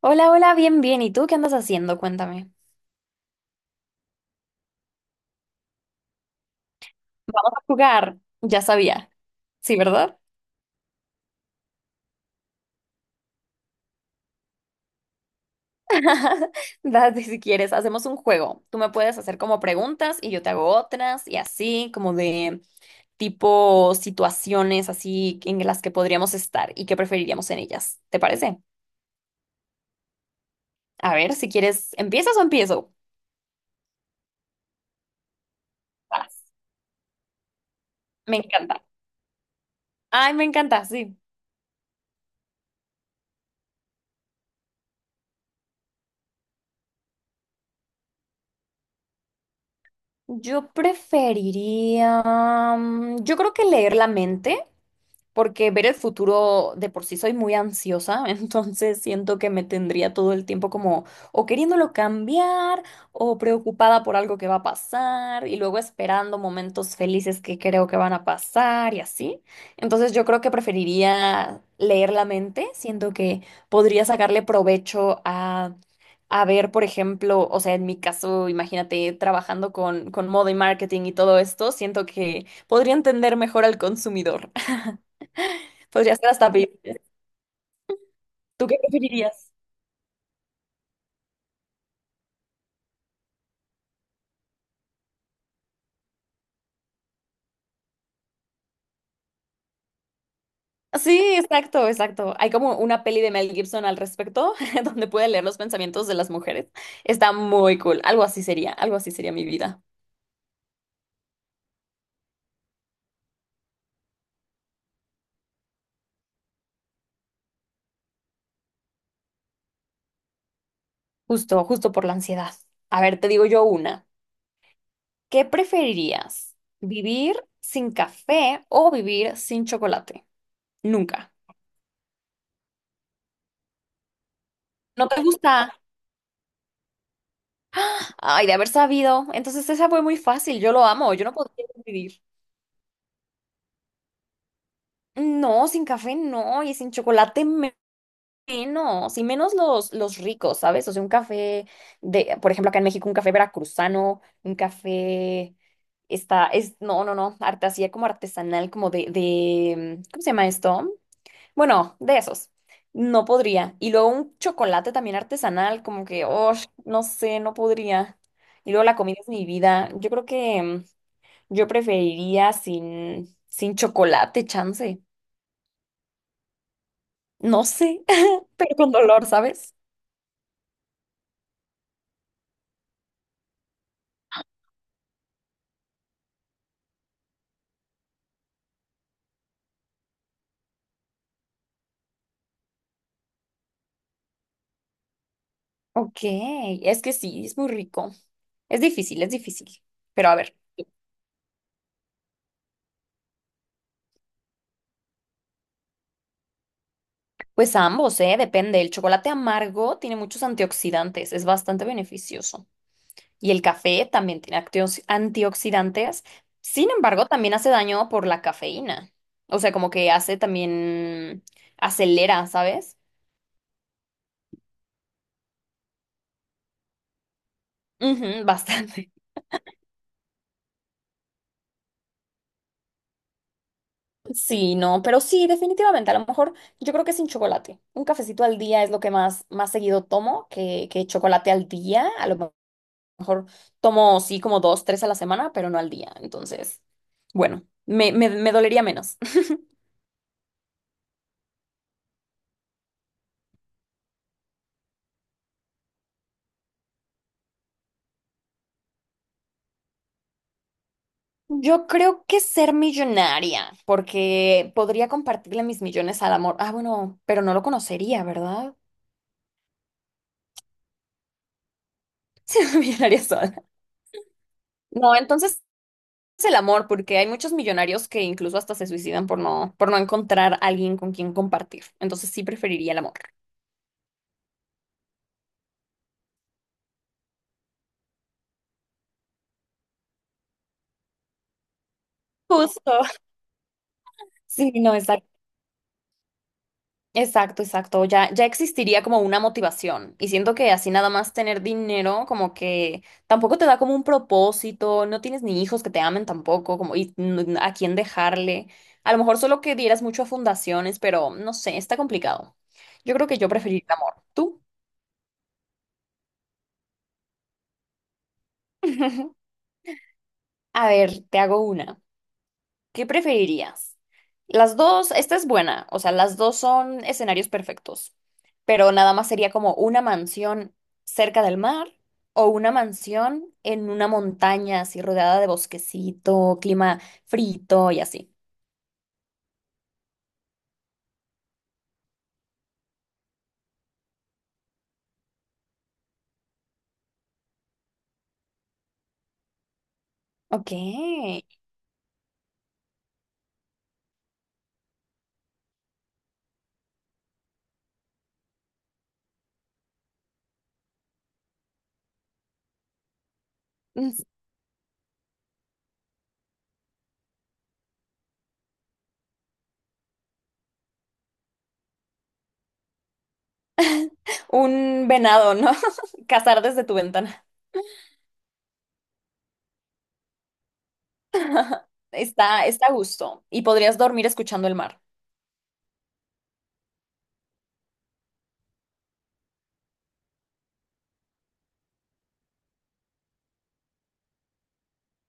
Hola, hola, bien, bien. ¿Y tú qué andas haciendo? Cuéntame. Vamos a jugar. Ya sabía. Sí, ¿verdad? Date si quieres, hacemos un juego. Tú me puedes hacer como preguntas y yo te hago otras y así, como de tipo situaciones así en las que podríamos estar y qué preferiríamos en ellas. ¿Te parece? A ver, si quieres, ¿empiezas o empiezo? Vas. Me encanta. Ay, me encanta, sí. Yo preferiría, yo creo que leer la mente, porque ver el futuro de por sí soy muy ansiosa. Entonces siento que me tendría todo el tiempo como o queriéndolo cambiar o preocupada por algo que va a pasar y luego esperando momentos felices que creo que van a pasar y así. Entonces yo creo que preferiría leer la mente, siento que podría sacarle provecho a ver, por ejemplo, o sea, en mi caso, imagínate trabajando con moda y marketing y todo esto, siento que podría entender mejor al consumidor. Podría ser hasta Bill. ¿Tú qué preferirías? Sí, exacto, exacto. Hay como una peli de Mel Gibson al respecto, donde puede leer los pensamientos de las mujeres. Está muy cool. Algo así sería mi vida. Justo, justo por la ansiedad. A ver, te digo yo una. ¿Qué preferirías? ¿Vivir sin café o vivir sin chocolate? Nunca. ¿No te gusta? Ay, de haber sabido. Entonces esa fue muy fácil. Yo lo amo. Yo no podría vivir. No, sin café no. Y sin chocolate menos, y menos los ricos, ¿sabes? O sea, un café de, por ejemplo, acá en México, un café veracruzano, un café es, no, no, no, arte así como artesanal, como ¿cómo se llama esto? Bueno, de esos. No podría. Y luego un chocolate también artesanal, como que, oh, no sé, no podría. Y luego la comida es mi vida. Yo creo que yo preferiría sin chocolate, chance. No sé, pero con dolor, ¿sabes? Ok, es que sí, es muy rico. Es difícil, es difícil. Pero a ver, pues ambos, ¿eh? Depende. El chocolate amargo tiene muchos antioxidantes, es bastante beneficioso. Y el café también tiene antioxidantes. Sin embargo, también hace daño por la cafeína. O sea, como que hace también, acelera, ¿sabes? Ujú, bastante. Sí, no, pero sí, definitivamente. A lo mejor yo creo que sin chocolate. Un cafecito al día es lo que más, más seguido tomo que chocolate al día. A lo mejor tomo, sí, como dos, tres a la semana, pero no al día. Entonces, bueno, me dolería menos. Yo creo que ser millonaria, porque podría compartirle mis millones al amor. Ah, bueno, pero no lo conocería, ¿verdad? Ser millonaria sola. No, entonces es el amor, porque hay muchos millonarios que incluso hasta se suicidan por no encontrar alguien con quien compartir. Entonces sí preferiría el amor. Justo. Sí, no, exacto. Exacto, exacto. Ya, ya existiría como una motivación. Y siento que así nada más tener dinero, como que tampoco te da como un propósito, no tienes ni hijos que te amen tampoco, como a quién dejarle. A lo mejor solo que dieras mucho a fundaciones, pero no sé, está complicado. Yo creo que yo preferiría el amor. ¿Tú? A ver, te hago una. ¿Qué preferirías? Las dos, esta es buena, o sea, las dos son escenarios perfectos, pero nada más sería como una mansión cerca del mar o una mansión en una montaña así rodeada de bosquecito, clima frito y así. Ok. Un venado, ¿no? Cazar desde tu ventana. Está, está a gusto y podrías dormir escuchando el mar.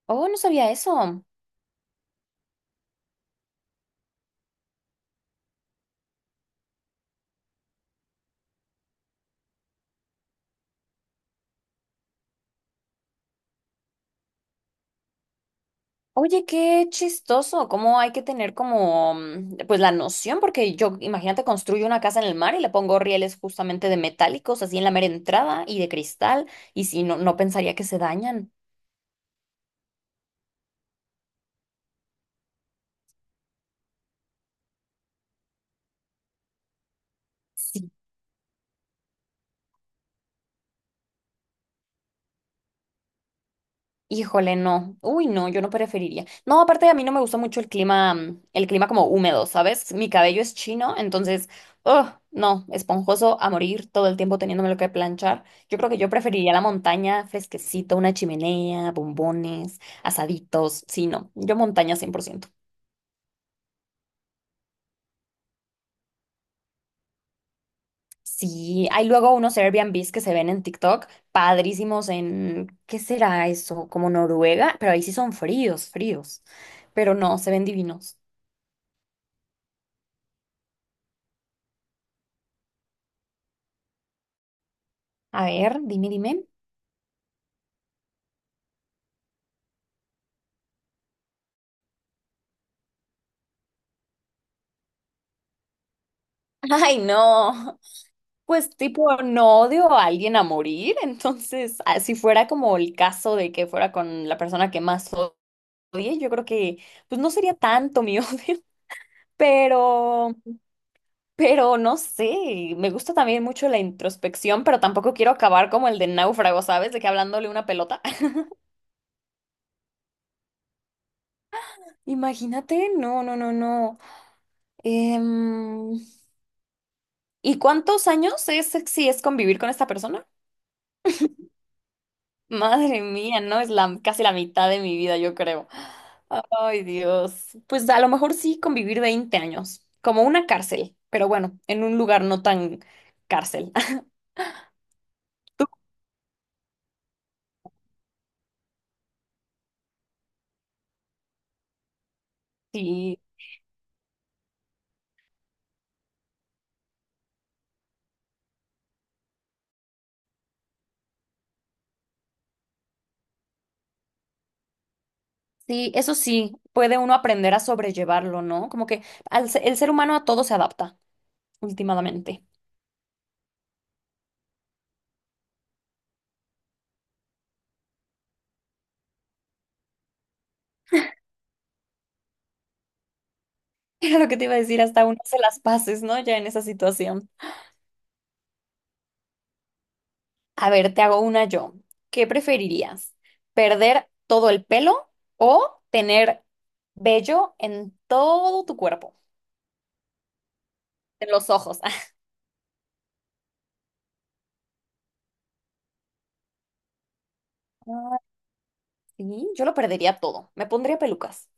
Oh, no sabía eso. Oye, qué chistoso, cómo hay que tener como, pues la noción, porque yo, imagínate, construyo una casa en el mar y le pongo rieles justamente de metálicos, así en la mera entrada y de cristal, y si no, no pensaría que se dañan. Híjole, no. Uy, no, yo no preferiría. No, aparte a mí no me gusta mucho el clima, el clima como húmedo, ¿sabes? Mi cabello es chino, entonces, ugh, no, esponjoso a morir todo el tiempo teniéndomelo que planchar. Yo creo que yo preferiría la montaña, fresquecito, una chimenea, bombones, asaditos. Sí, no, yo montaña 100%. Sí, hay luego unos Airbnbs que se ven en TikTok, padrísimos en, ¿qué será eso? Como Noruega, pero ahí sí son fríos, fríos, pero no, se ven divinos. A ver, dime, dime. Ay, no. Pues tipo, no odio a alguien a morir, entonces, ah, si fuera como el caso de que fuera con la persona que más odie, yo creo que, pues no sería tanto mi odio, pero, pero no sé, me gusta también mucho la introspección, pero tampoco quiero acabar como el de náufrago, ¿sabes? De que hablándole una pelota. Imagínate, no, no, no, no. Em, ¿Y cuántos años es si es convivir con esta persona? Madre mía, no es la, casi la mitad de mi vida, yo creo. Ay, Dios. Pues a lo mejor sí convivir 20 años, como una cárcel, pero bueno, en un lugar no tan cárcel. Sí, sí, eso sí, puede uno aprender a sobrellevarlo, ¿no? Como que el ser humano a todo se adapta últimamente. Era lo que te iba a decir, hasta uno se las paces, ¿no? Ya en esa situación. A ver, te hago una yo. ¿Qué preferirías? ¿Perder todo el pelo o tener vello en todo tu cuerpo? En los ojos. Ah, sí, yo lo perdería todo. Me pondría pelucas.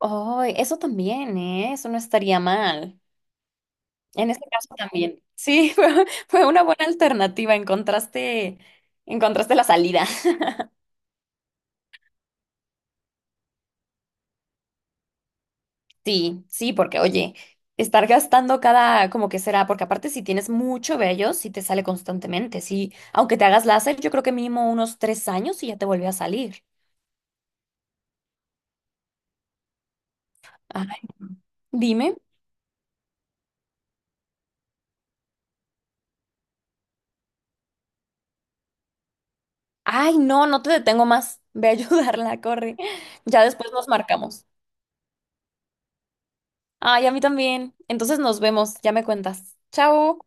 Ay, eso también, ¿eh? Eso no estaría mal. En este caso también. Sí, fue una buena alternativa. Encontraste la salida. Sí, sí, porque oye, estar gastando cada, como que será, porque aparte si tienes mucho vello, sí te sale constantemente, sí, aunque te hagas láser, yo creo que mínimo unos 3 años y ya te vuelve a salir. Ay, dime. Ay, no, no te detengo más. Ve a ayudarla, corre. Ya después nos marcamos. Ay, a mí también. Entonces nos vemos, ya me cuentas. Chao.